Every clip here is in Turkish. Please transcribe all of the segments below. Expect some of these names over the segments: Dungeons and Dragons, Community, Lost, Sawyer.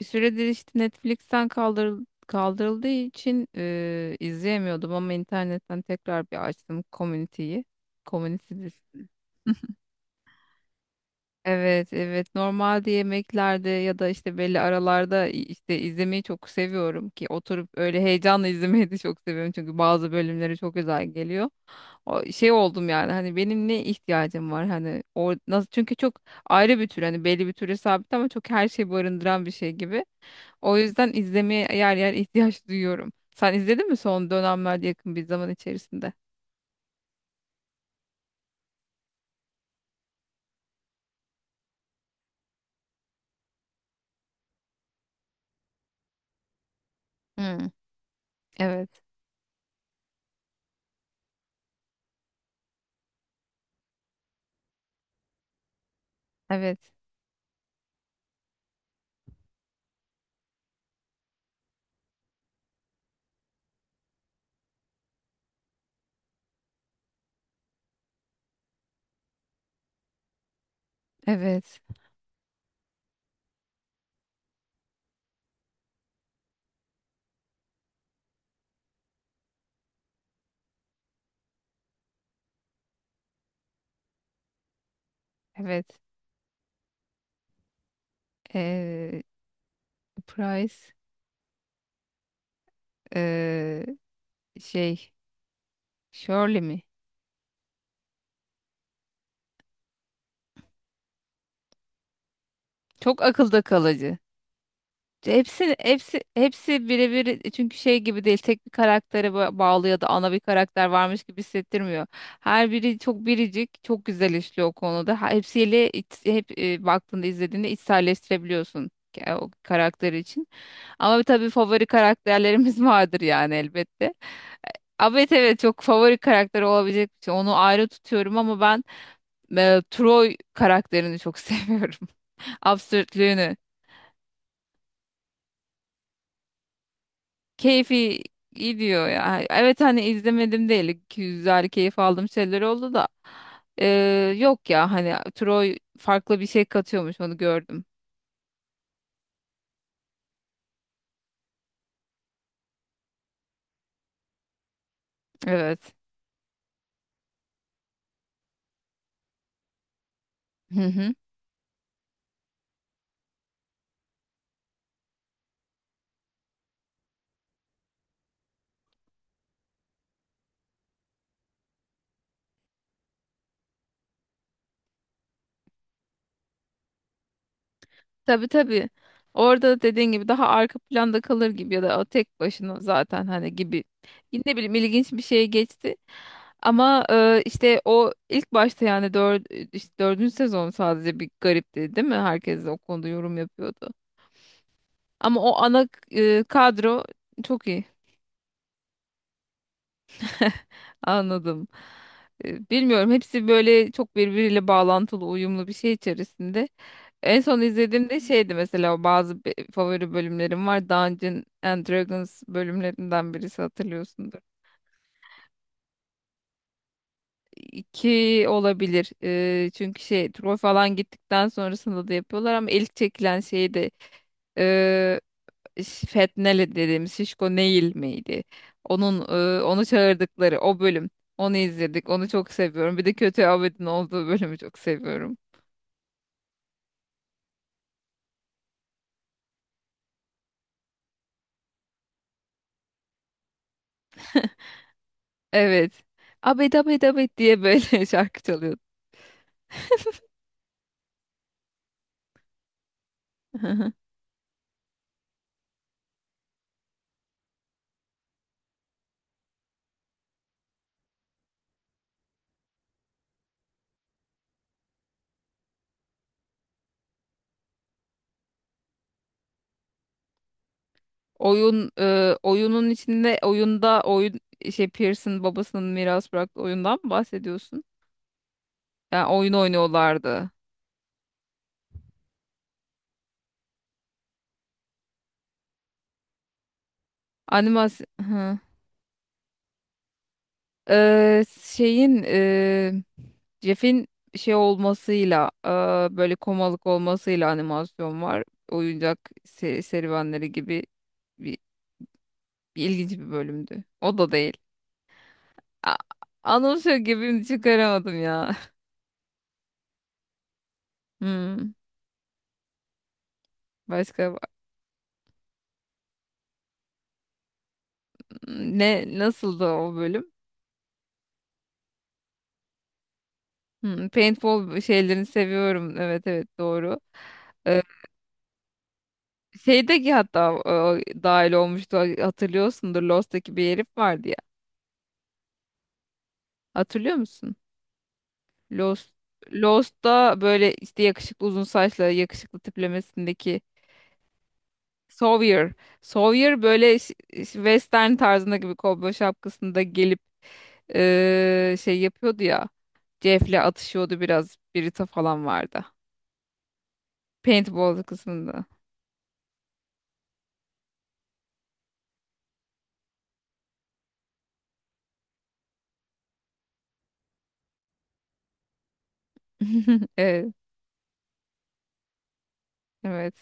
Bir süredir işte Netflix'ten kaldırıldığı için izleyemiyordum ama internetten tekrar bir açtım Community'yi. Community dizisini. Evet, evet. Normalde yemeklerde ya da işte belli aralarda işte izlemeyi çok seviyorum ki oturup öyle heyecanla izlemeyi de çok seviyorum çünkü bazı bölümleri çok güzel geliyor. O şey oldum yani hani benim ne ihtiyacım var, hani o nasıl, çünkü çok ayrı bir tür, hani belli bir türe sabit ama çok her şeyi barındıran bir şey gibi. O yüzden izlemeye yer yer ihtiyaç duyuyorum. Sen izledin mi son dönemlerde, yakın bir zaman içerisinde? Hmm, evet, evet, evet, evet. Ee, Price, ee, şey, Shirley mi? Çok akılda kalıcı. Hepsi birebir, çünkü şey gibi değil, tek bir karaktere bağlı ya da ana bir karakter varmış gibi hissettirmiyor. Her biri çok biricik, çok güzel işliyor o konuda. Hepsiyle baktığında, izlediğinde içselleştirebiliyorsun o karakter için. Ama tabii favori karakterlerimiz vardır yani, elbette. Ama evet, evet, çok favori karakter olabilecek bir şey. Onu ayrı tutuyorum, ama ben Troy karakterini çok seviyorum. Absürtlüğünü. Keyfi gidiyor ya. Evet, hani izlemedim değil. Güzel keyif aldığım şeyler oldu da. Yok ya, hani Troy farklı bir şey katıyormuş, onu gördüm. Evet. Hı hı. Tabii tabii. Orada dediğin gibi daha arka planda kalır gibi, ya da o tek başına zaten hani gibi. Ne bileyim, ilginç bir şeye geçti. Ama işte o ilk başta, yani işte dördüncü sezon sadece bir garipti değil mi? Herkes de o konuda yorum yapıyordu. Ama o ana kadro çok iyi. Anladım. Bilmiyorum, hepsi böyle çok birbiriyle bağlantılı, uyumlu bir şey içerisinde. En son izlediğimde şeydi mesela, o bazı favori bölümlerim var. Dungeons and Dragons bölümlerinden birisi, hatırlıyorsundur. İki olabilir. Çünkü şey, Troy falan gittikten sonrasında da yapıyorlar ama ilk çekilen şeydi. Fetnele dediğimiz Şişko Neil miydi? Onun onu çağırdıkları o bölüm. Onu izledik. Onu çok seviyorum. Bir de kötü Abed'in olduğu bölümü çok seviyorum. Evet. Abed Abed Abed diye böyle şarkı çalıyordu. Oyun, oyunun içinde oyunda oyun, şey, Pearson babasının miras bıraktığı oyundan mı bahsediyorsun? Yani oyun oynuyorlardı. Animasyon. Hı. Şeyin, Jeff'in şey olmasıyla, böyle komalık olmasıyla animasyon var. Oyuncak serüvenleri gibi bir, bir ilginç bir bölümdü. O da değil. A, anımsıyor gibi çıkaramadım ya. Hmm, başka ne, nasıldı o bölüm? Hmm, paintball şeylerini seviyorum. Evet evet, doğru. Ee, Şeydeki hatta dahil olmuştu, hatırlıyorsundur, Lost'taki bir herif vardı ya. Hatırlıyor musun? Lost, Lost'ta böyle işte yakışıklı, uzun saçlı, yakışıklı tiplemesindeki Sawyer. Sawyer böyle western tarzında gibi, kovboy şapkasında gelip şey yapıyordu ya. Jeff'le atışıyordu biraz. Birita falan vardı. Paintball kısmında. Evet. Evet.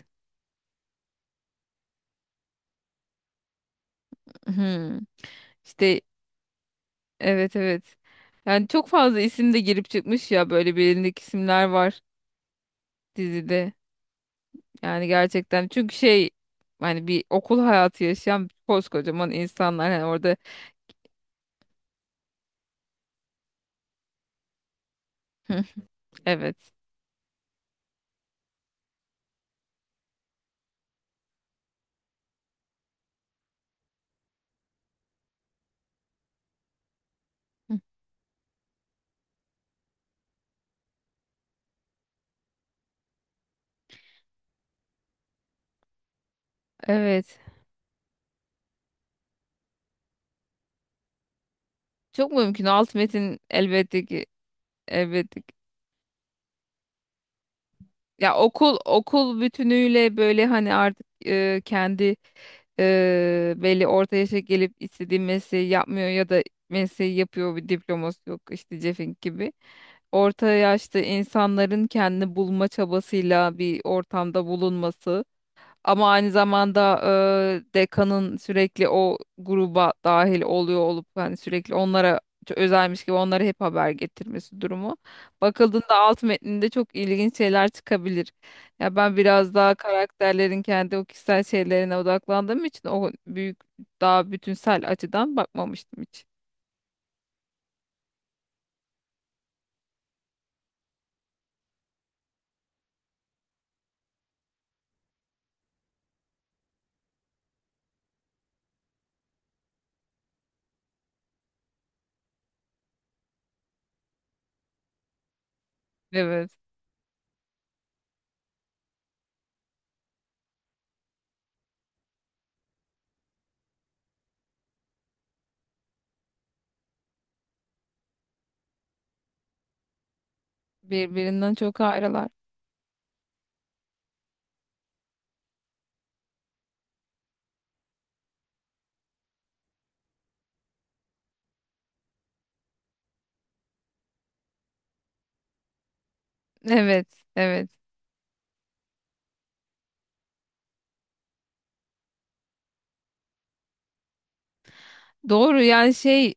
Hmm. İşte, evet evet. Yani çok fazla isim de girip çıkmış ya, böyle bilindik isimler var dizide. Yani gerçekten, çünkü şey, hani bir okul hayatı yaşayan koskocaman insanlar hani orada. Hı, evet. Hı, evet. Çok mümkün. Alt metin elbette ki, elbette ki. Ya okul, okul bütünüyle böyle hani artık kendi, belli orta yaşa gelip istediği mesleği yapmıyor ya da mesleği yapıyor, bir diploması yok işte, Cefink gibi. Orta yaşta insanların kendini bulma çabasıyla bir ortamda bulunması. Ama aynı zamanda dekanın sürekli o gruba dahil oluyor olup hani sürekli onlara özelmiş gibi onlara hep haber getirmesi durumu. Bakıldığında alt metninde çok ilginç şeyler çıkabilir. Ya ben biraz daha karakterlerin kendi o kişisel şeylerine odaklandığım için o büyük, daha bütünsel açıdan bakmamıştım hiç. Evet. Birbirinden çok ayrılar. Evet, evet. Doğru, yani şey,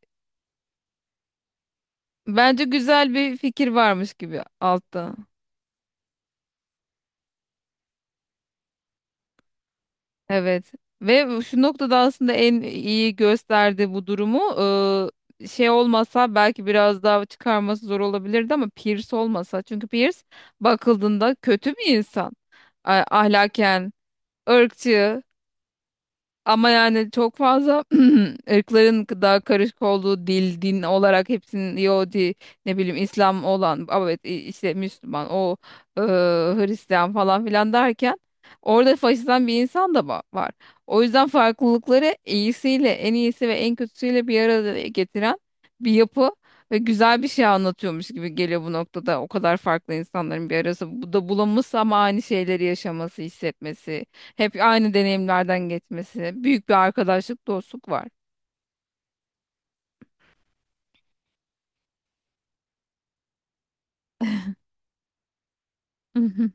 bence güzel bir fikir varmış gibi altta. Evet, ve şu noktada aslında en iyi gösterdi bu durumu. Şey olmasa belki biraz daha çıkarması zor olabilirdi, ama Pierce olmasa, çünkü Pierce bakıldığında kötü bir insan. Ahlaken, ırkçı, ama yani çok fazla ırkların daha karışık olduğu, dil, din olarak hepsinin, Yahudi, ne bileyim İslam olan, ama evet, işte Müslüman, o Hristiyan falan filan derken orada faşistan bir insan da var. O yüzden farklılıkları iyisiyle, en iyisi ve en kötüsüyle bir arada getiren bir yapı ve güzel bir şey anlatıyormuş gibi geliyor bu noktada. O kadar farklı insanların bir arası bu da bulunması, ama aynı şeyleri yaşaması, hissetmesi. Hep aynı deneyimlerden geçmesi. Büyük bir arkadaşlık, dostluk var. Hı hı.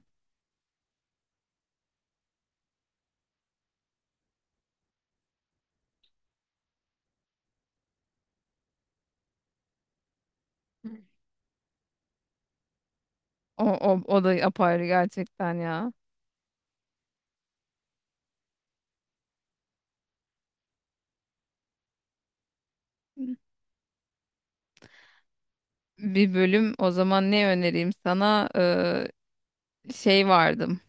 O, o, o da apayrı gerçekten ya. Bir bölüm o zaman ne önereyim sana? Şey vardım.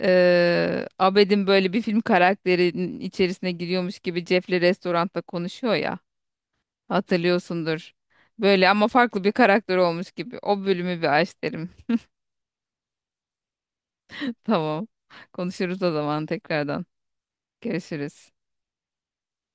Abed'in böyle bir film karakterinin içerisine giriyormuş gibi Jeff'le restoranda konuşuyor ya. Hatırlıyorsundur. Böyle ama farklı bir karakter olmuş gibi. O bölümü bir aç derim. Tamam. Konuşuruz o zaman tekrardan. Görüşürüz.